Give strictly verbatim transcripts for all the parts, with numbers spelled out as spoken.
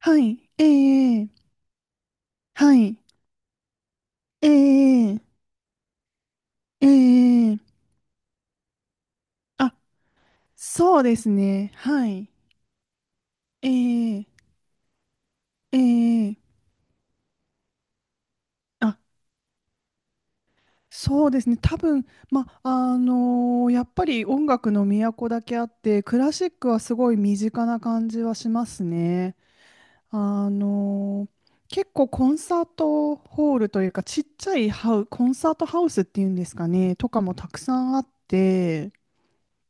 はい。ええええはい。えええええあ、そうですね。はい。ええええあ、そうですね。多分、ま、あのやっぱり音楽の都だけあって、クラシックはすごい身近な感じはしますね。あの結構コンサートホールというか、ちっちゃいハウ、コンサートハウスっていうんですかね、とかもたくさんあって、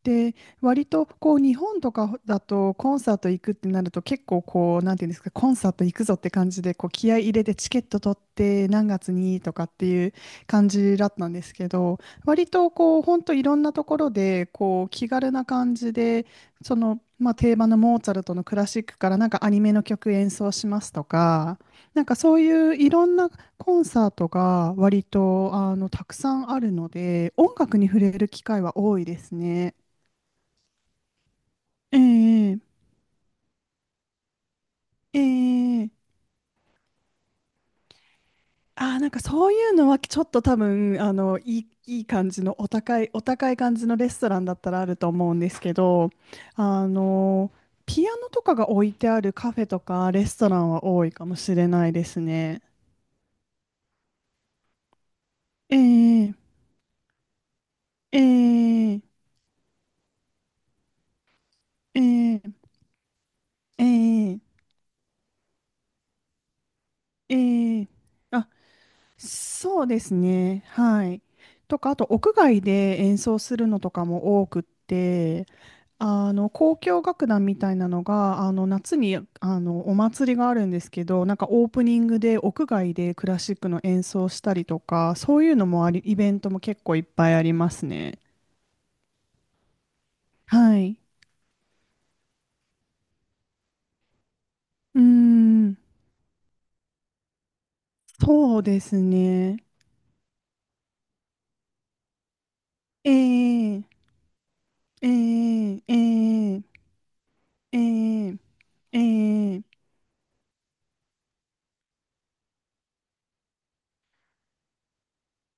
で、割とこう日本とかだとコンサート行くってなると結構こう、なんていうんですか、コンサート行くぞって感じでこう気合い入れてチケット取って何月にとかっていう感じだったんですけど、割とこう、本当いろんなところでこう気軽な感じで、その、まあ、定番のモーツァルトのクラシックからなんかアニメの曲演奏しますとか、なんかそういういろんなコンサートが割とあのたくさんあるので、音楽に触れる機会は多いですね。ええええああー、なんかそういうのはちょっと多分、あの、いい、いい感じのお高い、お高い感じのレストランだったらあると思うんですけど、あの、ピアノとかが置いてあるカフェとかレストランは多いかもしれないですね。ええええええええええあ、そうですね。はい。とか、あと屋外で演奏するのとかも多くって、あの交響楽団みたいなのがあの夏にあのお祭りがあるんですけど、なんかオープニングで屋外でクラシックの演奏したりとか、そういうのもあり、イベントも結構いっぱいありますね。はい。うーん、そうですね。えー、えー、えー、えー、えー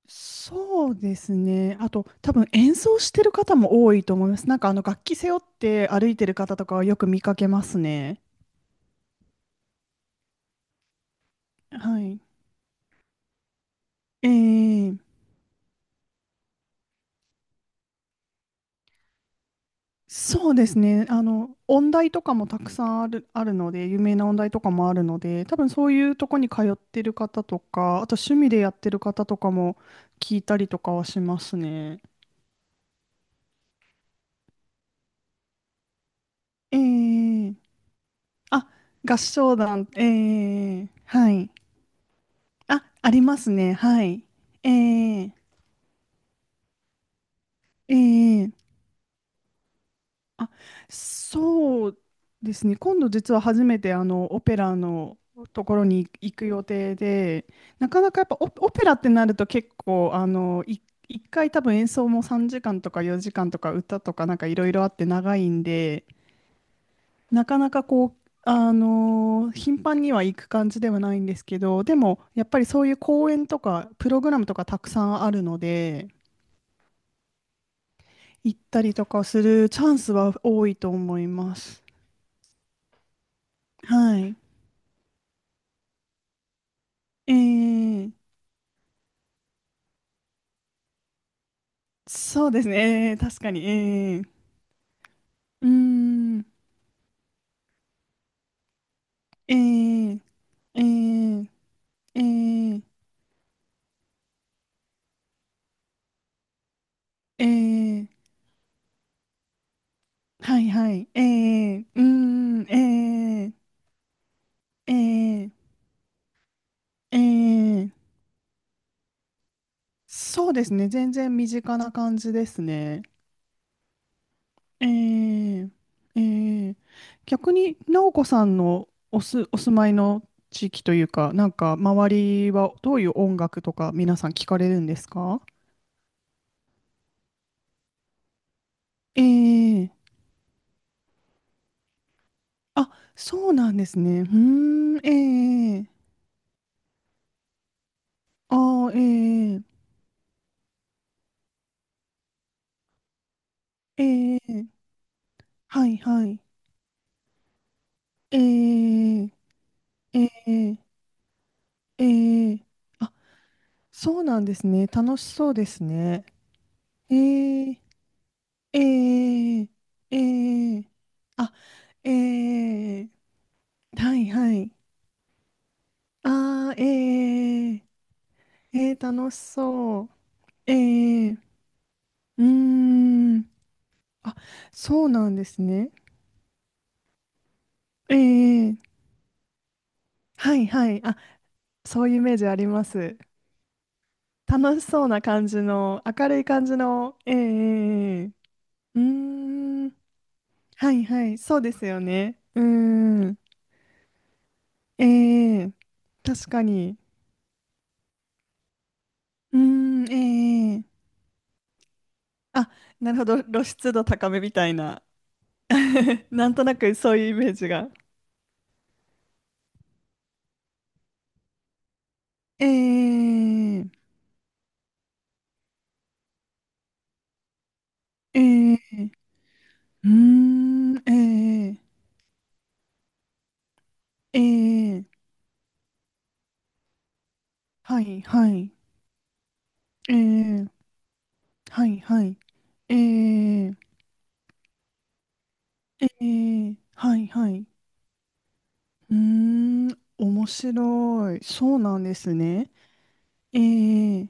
そうですね。あと、多分演奏してる方も多いと思います。なんかあの楽器背負って歩いてる方とかはよく見かけますね。はい。ええそうですね。あの、音大とかもたくさんある、あるので、有名な音大とかもあるので、多分そういうとこに通ってる方とか、あと趣味でやってる方とかも聞いたりとかはしますね。ええあ、合唱団、ええはい。あ、ありますね。はい。ええええあ、そうですね。今度実は初めてあのオペラのところに行く予定で、なかなかやっぱオ、オペラってなると、結構あのい一回多分演奏もさんじかんとかよじかんとか歌とかなんかいろいろあって長いんで、なかなかこう、あの頻繁には行く感じではないんですけど、でもやっぱりそういう公演とかプログラムとかたくさんあるので、行ったりとかするチャンスは多いと思います。はい。ええそうですね。ええ確かに。ええうーん。ええええええええはいはい。ええうーん。ええええええそうですね。全然身近な感じですね。ええええ逆に、直子さんのおす、お住まいの地域というか、なんか、周りはどういう音楽とか皆さん聞かれるんですか？ええあ、そうなんですね。うーん、ええええああ、ええええええはいはい。ええええええあ、そうなんですね。楽しそうですね。ええええええあ、ええはいはい。ああ、ええええ楽しそう。ええうーん。あ、そうなんですね。ええはいはい。そういうイメージあります。楽しそうな感じの、明るい感じの、ええええええうーん、はいはい、そうですよね。うーん、ええ確かに。うーん、ええええあ、なるほど、露出度高めみたいな。なんとなくそういうイメージが。ええええうーん、ええええはいはい、ええはいはい、ええええはいはい。うーん、面白い。そうなんですね。ええ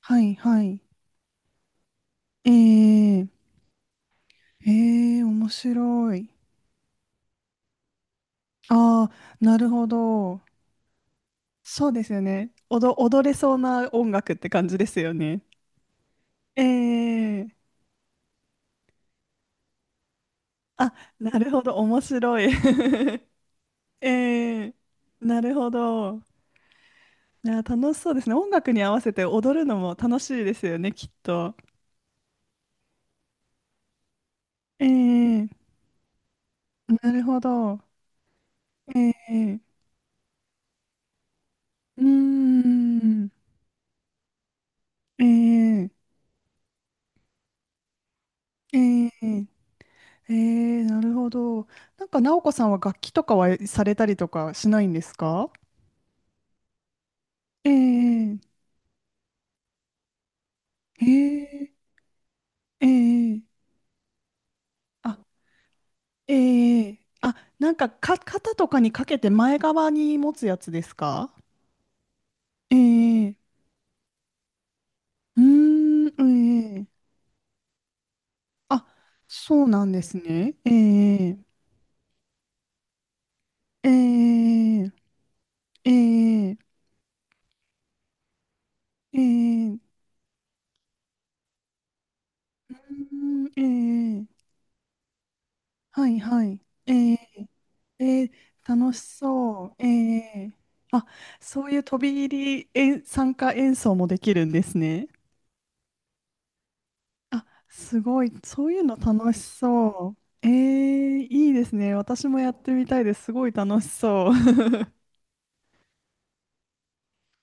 はいはい。ええええ面白い。ああ、なるほど。そうですよね。おど、踊れそうな音楽って感じですよね。ええあ、なるほど。面白い。ええなるほど。いや、楽しそうですね。音楽に合わせて踊るのも楽しいですよね、きっと。ええなるほど。ええうーんええええええなるほど。なんか奈央子さんは楽器とかはされたりとかしないんですか？ええへえええあええあなんかか肩とかにかけて前側に持つやつですか？ええうーんええあそうなんですねええええええええうーんええはいはい。えー、えー、楽しそう。えー、あ、そういう飛び入り演参加演奏もできるんですね。あ、すごい。そういうの楽しそう。えー、いいですね。私もやってみたいです。すごい楽しそう。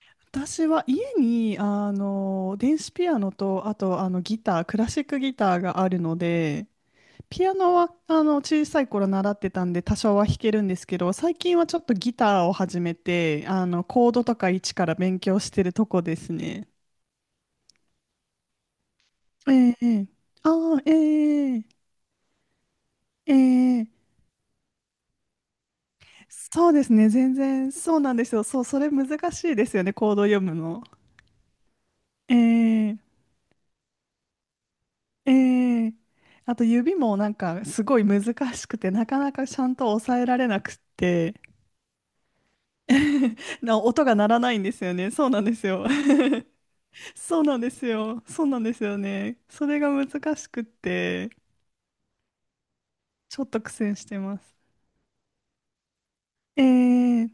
私は家にあの電子ピアノと、あとあのギター、クラシックギターがあるので、ピアノはあの小さい頃習ってたんで多少は弾けるんですけど、最近はちょっとギターを始めて、あのコードとか一から勉強してるとこですね。ええええああ、ええええそうですね、全然そうなんですよ。そう、それ難しいですよね、コード読むの。ええええあと指もなんかすごい難しくて、なかなかちゃんと抑えられなくって、な音が鳴らないんですよね。そうなんですよ。そうなんですよ。そうなんですよね。それが難しくって、ちょっと苦戦してます。えー、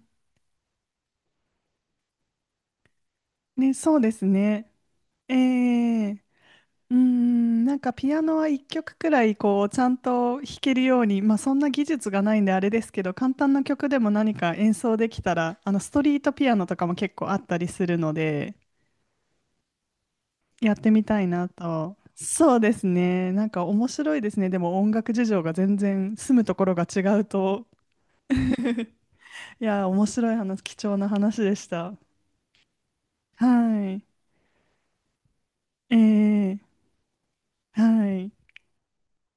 ね、そうですね。えー、うーん、なんかピアノは一曲くくらいこう、ちゃんと弾けるように、まあそんな技術がないんであれですけど、簡単な曲でも何か演奏できたら、あの、ストリートピアノとかも結構あったりするので、やってみたいなと。そうですね。なんか面白いですね。でも音楽事情が全然住むところが違うと、いや、面白い話、貴重な話でした。はい。えー、はい。